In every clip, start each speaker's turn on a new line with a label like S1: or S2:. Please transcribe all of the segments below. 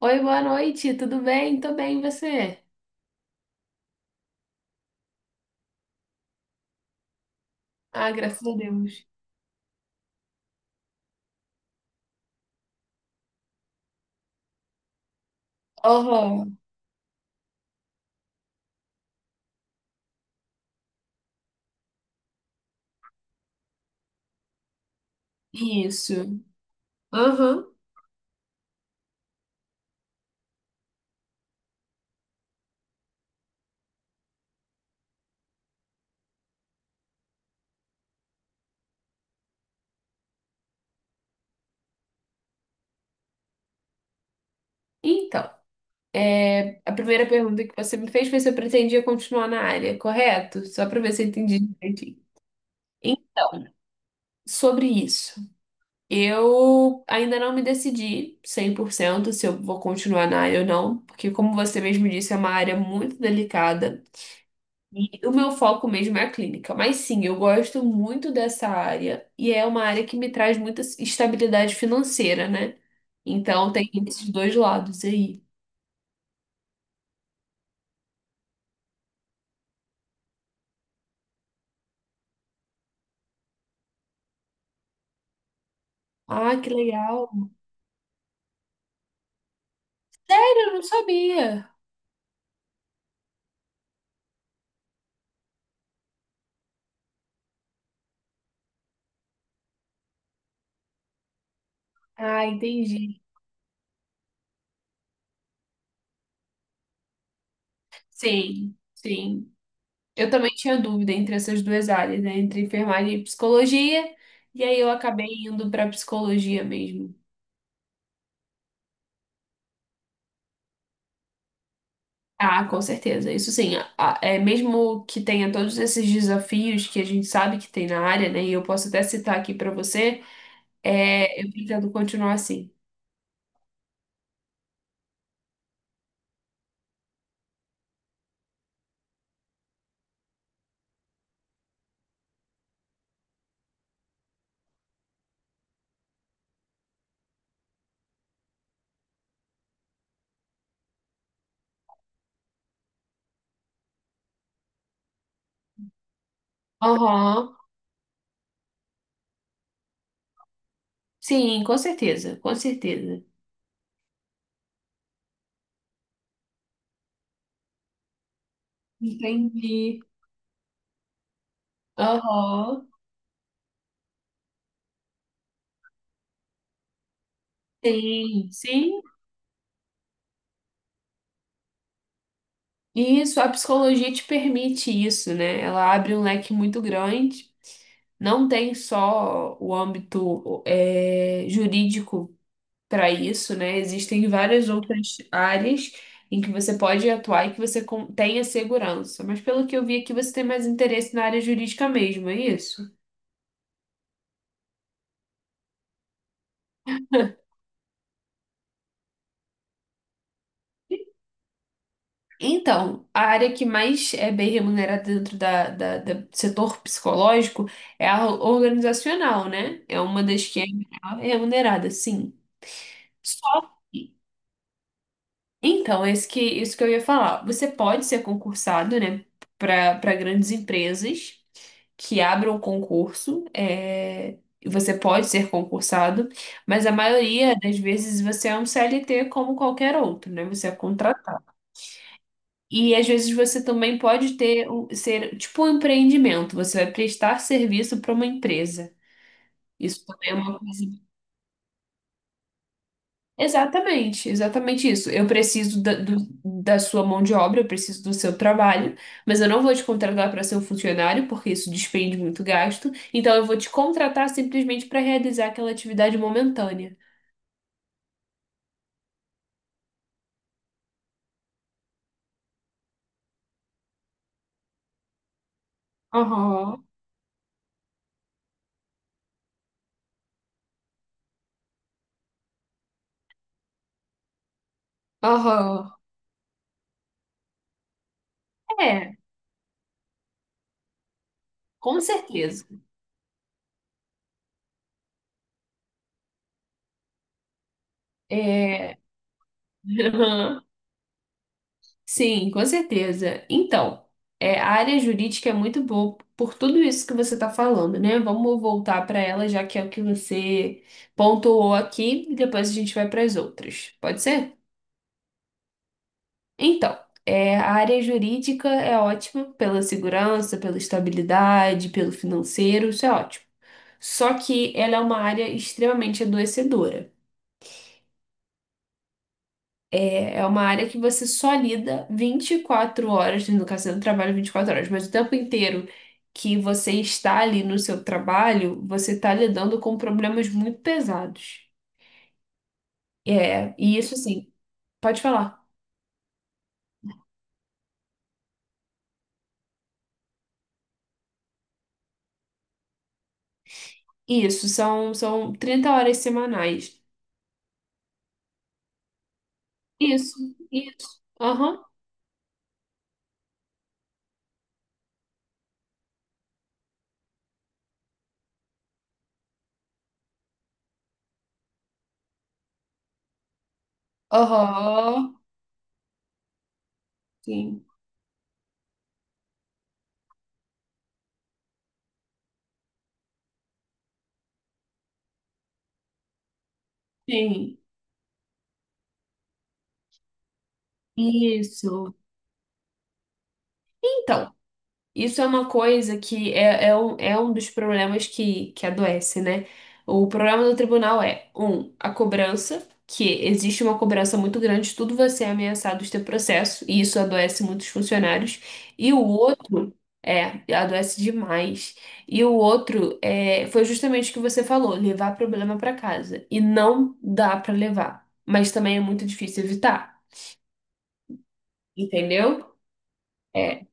S1: Oi, boa noite, tudo bem? Tô bem, e você? Ah, graças a Deus. Aham, isso. Aham. Então, a primeira pergunta que você me fez foi se eu pretendia continuar na área, correto? Só para ver se eu entendi direitinho. Então, sobre isso, eu ainda não me decidi 100% se eu vou continuar na área ou não, porque, como você mesmo disse, é uma área muito delicada. E o meu foco mesmo é a clínica, mas sim, eu gosto muito dessa área e é uma área que me traz muita estabilidade financeira, né? Então tem esses dois lados aí. Ah, que legal. Sério, eu não sabia. Ah, entendi. Sim, sim. Eu também tinha dúvida entre essas duas áreas, né? Entre enfermagem e psicologia, e aí eu acabei indo para psicologia mesmo. Ah, com certeza. Isso sim, é mesmo que tenha todos esses desafios que a gente sabe que tem na área, né? E eu posso até citar aqui para você, eu pretendo continuar assim. Aham. Sim, com certeza, com certeza. Entendi. Aham. Sim, sim. E isso, a psicologia te permite isso, né? Ela abre um leque muito grande. Não tem só o âmbito, jurídico. Para isso, né? Existem várias outras áreas em que você pode atuar e que tenha segurança. Mas pelo que eu vi aqui, você tem mais interesse na área jurídica mesmo, é isso? Então, a área que mais é bem remunerada dentro do setor psicológico é a organizacional, né? É uma das que é melhor remunerada, sim. Só que, então, isso que eu ia falar. Você pode ser concursado, né, para grandes empresas. Que abram concurso, você pode ser concursado, mas a maioria das vezes você é um CLT como qualquer outro, né? Você é contratado. E às vezes você também pode ser tipo um empreendimento, você vai prestar serviço para uma empresa. Isso também é uma coisa. Exatamente, exatamente isso. Eu preciso da sua mão de obra, eu preciso do seu trabalho, mas eu não vou te contratar para ser um funcionário, porque isso despende muito gasto. Então eu vou te contratar simplesmente para realizar aquela atividade momentânea. Aham, aham. É, com certeza. É. Sim, com certeza. Então, a área jurídica é muito boa por tudo isso que você está falando, né? Vamos voltar para ela, já que é o que você pontuou aqui, e depois a gente vai para as outras. Pode ser? Então, a área jurídica é ótima pela segurança, pela estabilidade, pelo financeiro, isso é ótimo. Só que ela é uma área extremamente adoecedora. É uma área que você só lida 24 horas, no caso, você não trabalha 24 horas, mas o tempo inteiro que você está ali no seu trabalho, você está lidando com problemas muito pesados. E isso, assim, pode falar. Isso, são, são 30 horas semanais. Isso, isso. Aham. Aham. Sim, sim. Isso. então Isso é uma coisa que é um dos problemas que adoece, né? O problema do tribunal é, a cobrança, que existe uma cobrança muito grande, tudo vai ser ameaçado de ter processo, e isso adoece muitos funcionários. E o outro, adoece demais. E o outro é, foi justamente o que você falou, levar problema para casa. E não dá para levar, mas também é muito difícil evitar, entendeu? É,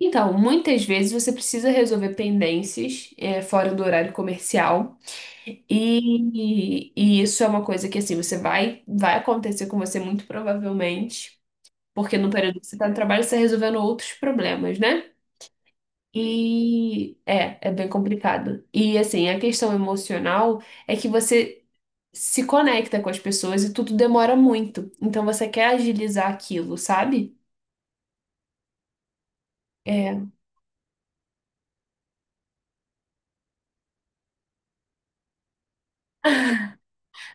S1: Então, muitas vezes você precisa resolver pendências fora do horário comercial e isso é uma coisa que assim você vai acontecer com você muito provavelmente, porque no período que você está no trabalho você está resolvendo outros problemas, né? E é, é bem complicado. E assim, a questão emocional é que você se conecta com as pessoas e tudo demora muito. Então você quer agilizar aquilo, sabe? É.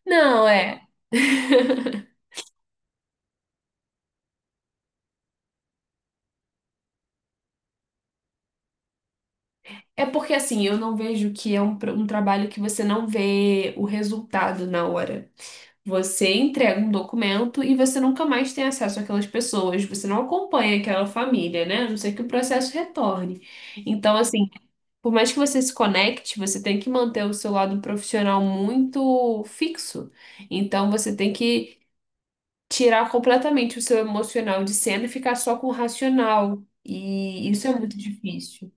S1: Não, é. É porque assim, eu não vejo que um trabalho que você não vê o resultado na hora. Você entrega um documento e você nunca mais tem acesso àquelas pessoas, você não acompanha aquela família, né? A não ser que o processo retorne. Então, assim, por mais que você se conecte, você tem que manter o seu lado profissional muito fixo. Então, você tem que tirar completamente o seu emocional de cena e ficar só com o racional. E isso é muito difícil.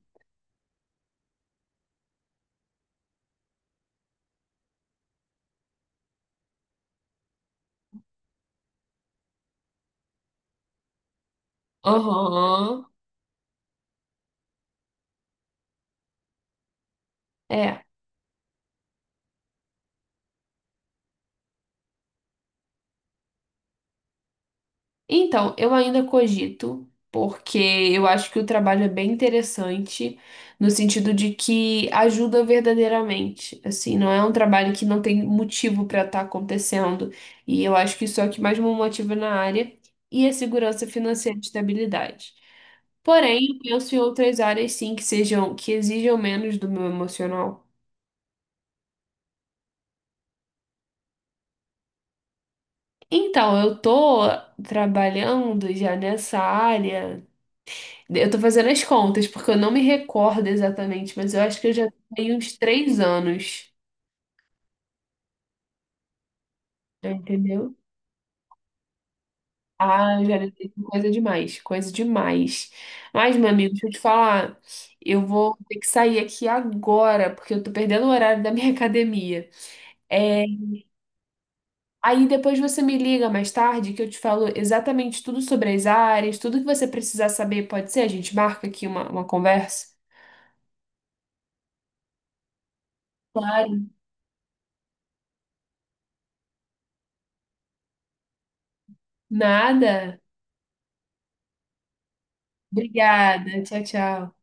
S1: Aham. É, Então, eu ainda cogito, porque eu acho que o trabalho é bem interessante, no sentido de que ajuda verdadeiramente. Assim, não é um trabalho que não tem motivo para estar acontecendo. E eu acho que isso é o que mais me motiva na área e a segurança financeira e estabilidade. Porém, eu penso em outras áreas sim que sejam, que exijam menos do meu emocional. Então, eu tô trabalhando já nessa área. Eu tô fazendo as contas, porque eu não me recordo exatamente, mas eu acho que eu já tenho uns 3 anos, já entendeu? Ah, eu já lidei com coisa demais, coisa demais. Mas, meu amigo, deixa eu te falar, eu vou ter que sair aqui agora, porque eu tô perdendo o horário da minha academia. É, aí depois você me liga mais tarde, que eu te falo exatamente tudo sobre as áreas, tudo que você precisar saber, pode ser? A gente marca aqui uma conversa? Claro. Nada? Obrigada. Tchau, tchau.